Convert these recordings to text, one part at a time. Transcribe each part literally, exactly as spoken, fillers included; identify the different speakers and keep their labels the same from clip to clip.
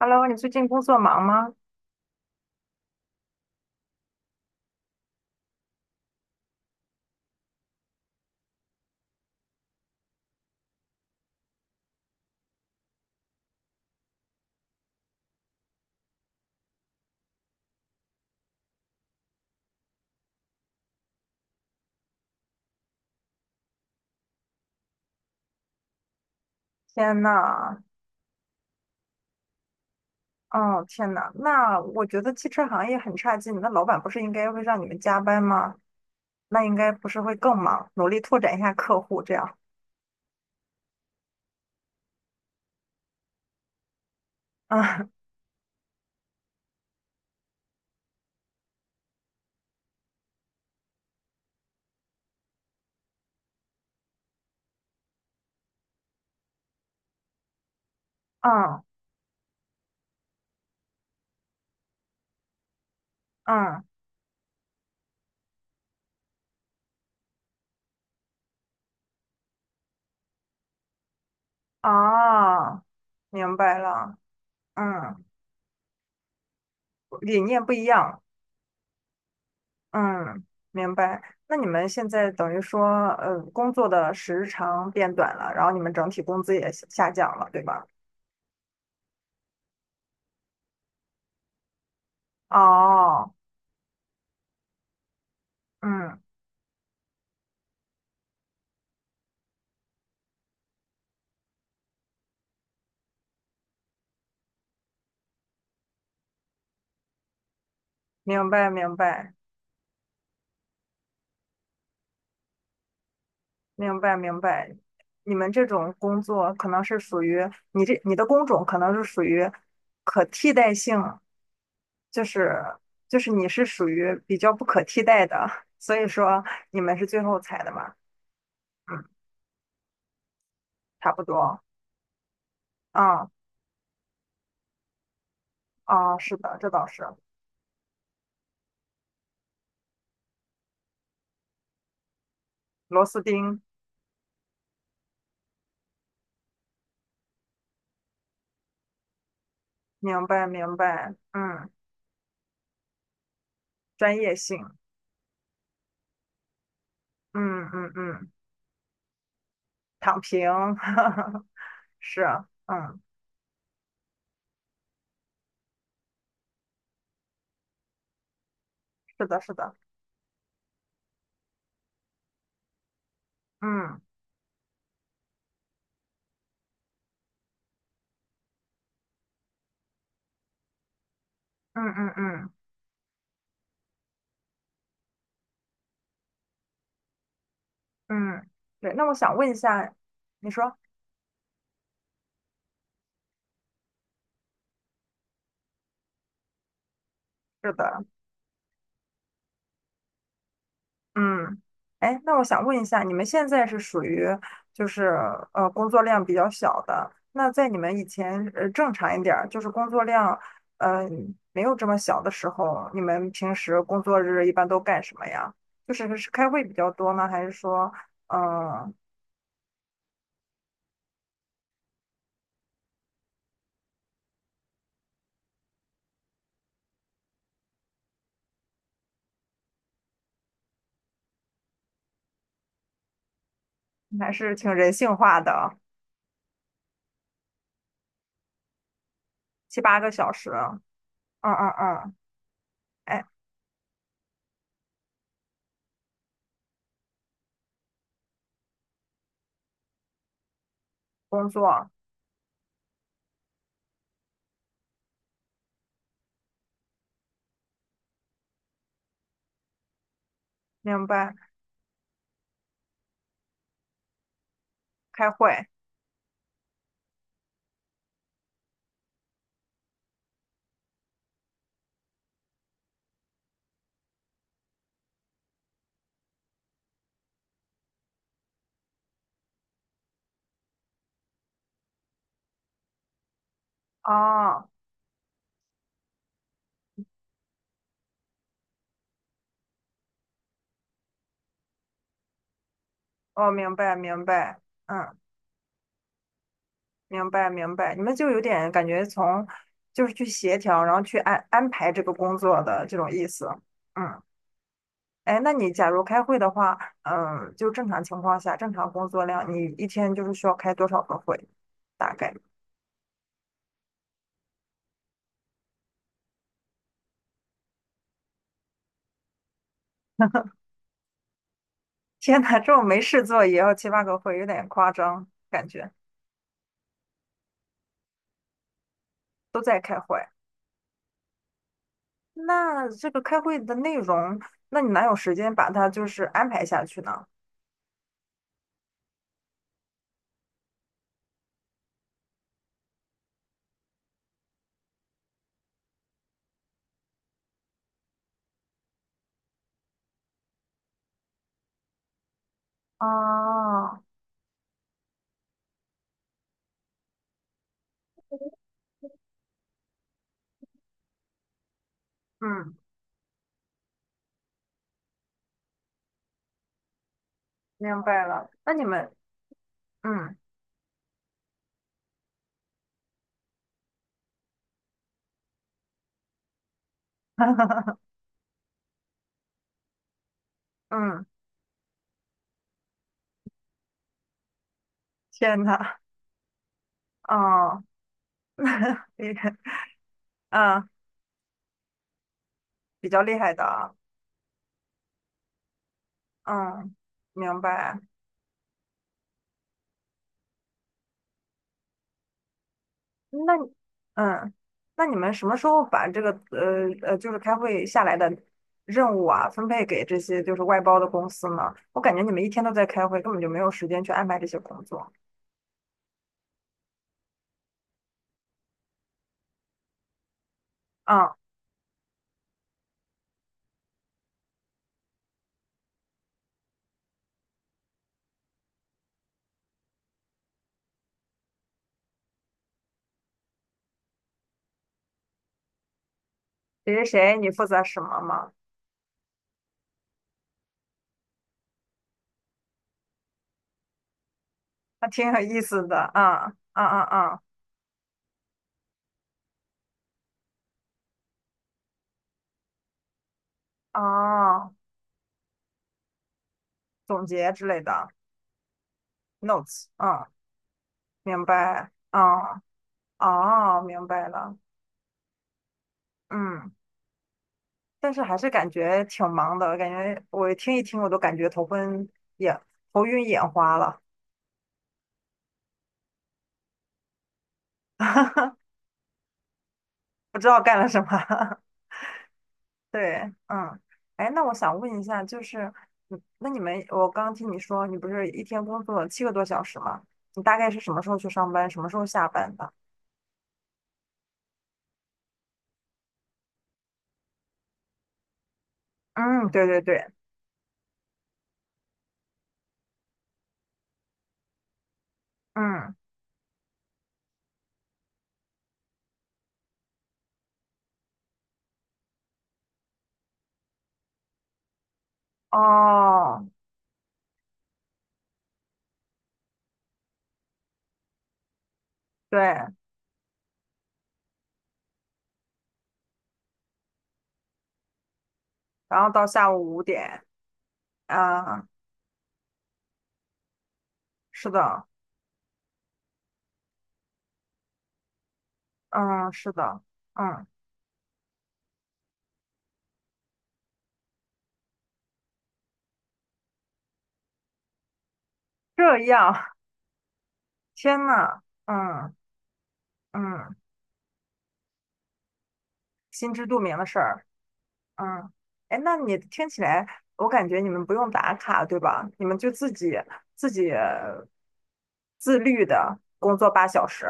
Speaker 1: Hello，你最近工作忙吗？天呐，哦天呐，那我觉得汽车行业很差劲，那老板不是应该会让你们加班吗？那应该不是会更忙，努力拓展一下客户，这样。嗯嗯嗯，啊，明白了，嗯，理念不一样，嗯，明白。那你们现在等于说，呃，工作的时长变短了，然后你们整体工资也下下降了，对吧？哦，嗯，明白明白。明白明白，你们这种工作可能是属于你这你的工种可能是属于可替代性，就是就是你是属于比较不可替代的，所以说你们是最后裁的嘛，嗯，差不多，啊啊，是的，这倒是螺丝钉，明白明白，嗯，专业性，嗯嗯嗯，躺平，是啊，嗯，是的是的，嗯嗯嗯嗯。嗯，对。那我想问一下，你说是的，嗯，哎，那我想问一下，你们现在是属于就是呃工作量比较小的，那在你们以前呃正常一点儿，就是工作量呃没有这么小的时候，你们平时工作日一般都干什么呀？就是是开会比较多呢，还是说嗯、呃还是挺人性化的，七八个小时？嗯嗯嗯，哎，工作，明白，开会。哦，哦，明白明白，嗯，明白明白，你们就有点感觉从就是去协调，然后去安安排这个工作的这种意思，嗯，哎，那你假如开会的话，嗯，就正常情况下，正常工作量，你一天就是需要开多少个会？大概？天呐，这种没事做也要七八个会，有点夸张，感觉都在开会。那这个开会的内容，那你哪有时间把它就是安排下去呢？哦，嗯。明白了。那你们，嗯 嗯，天呐，哦，厉害，啊，比较厉害的啊，嗯，明白。那你嗯，那你们什么时候把这个呃呃，就是开会下来的任务啊，分配给这些就是外包的公司呢？我感觉你们一天都在开会，根本就没有时间去安排这些工作。嗯，谁谁谁，你负责什么吗？还挺有意思的，啊，啊啊啊，哦，总结之类的。notes，嗯明白，哦哦，明白了，嗯，但是还是感觉挺忙的，感觉我听一听我都感觉头昏眼头晕眼花了，不知道干了什么。对，嗯，哎，那我想问一下，就是，嗯那你们，我刚刚听你说你不是一天工作七个多小时吗？你大概是什么时候去上班，什么时候下班的？嗯，对对对，嗯，哦，对，然后到下午五点，啊，是的，嗯，是的，嗯，这样，天呐，嗯嗯，心知肚明的事儿，嗯，哎，那你听起来，我感觉你们不用打卡，对吧？你们就自己自己自律的工作八小时。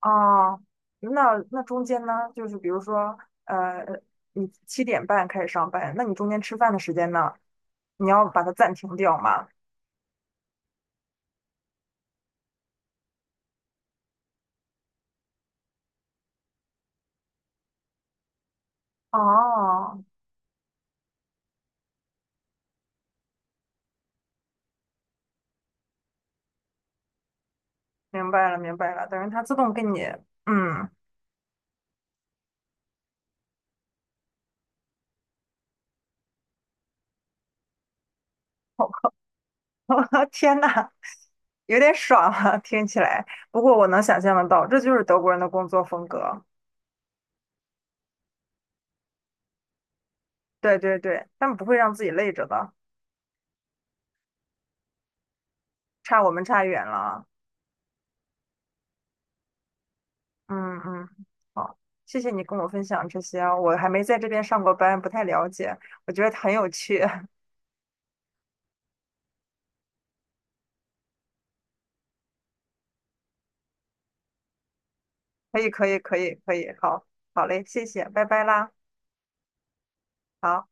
Speaker 1: 哦，那那中间呢，就是比如说，呃，你七点半开始上班，那你中间吃饭的时间呢，你要把它暂停掉吗？哦，明白了，明白了，等于它自动给你，嗯。天呐，有点爽啊，听起来。不过我能想象得到，这就是德国人的工作风格。对对对，他们不会让自己累着的，差我们差远了啊嗯嗯，好，谢谢你跟我分享这些啊我还没在这边上过班，不太了解，我觉得很有趣。可以可以可以可以，好，好嘞，谢谢，拜拜啦。好。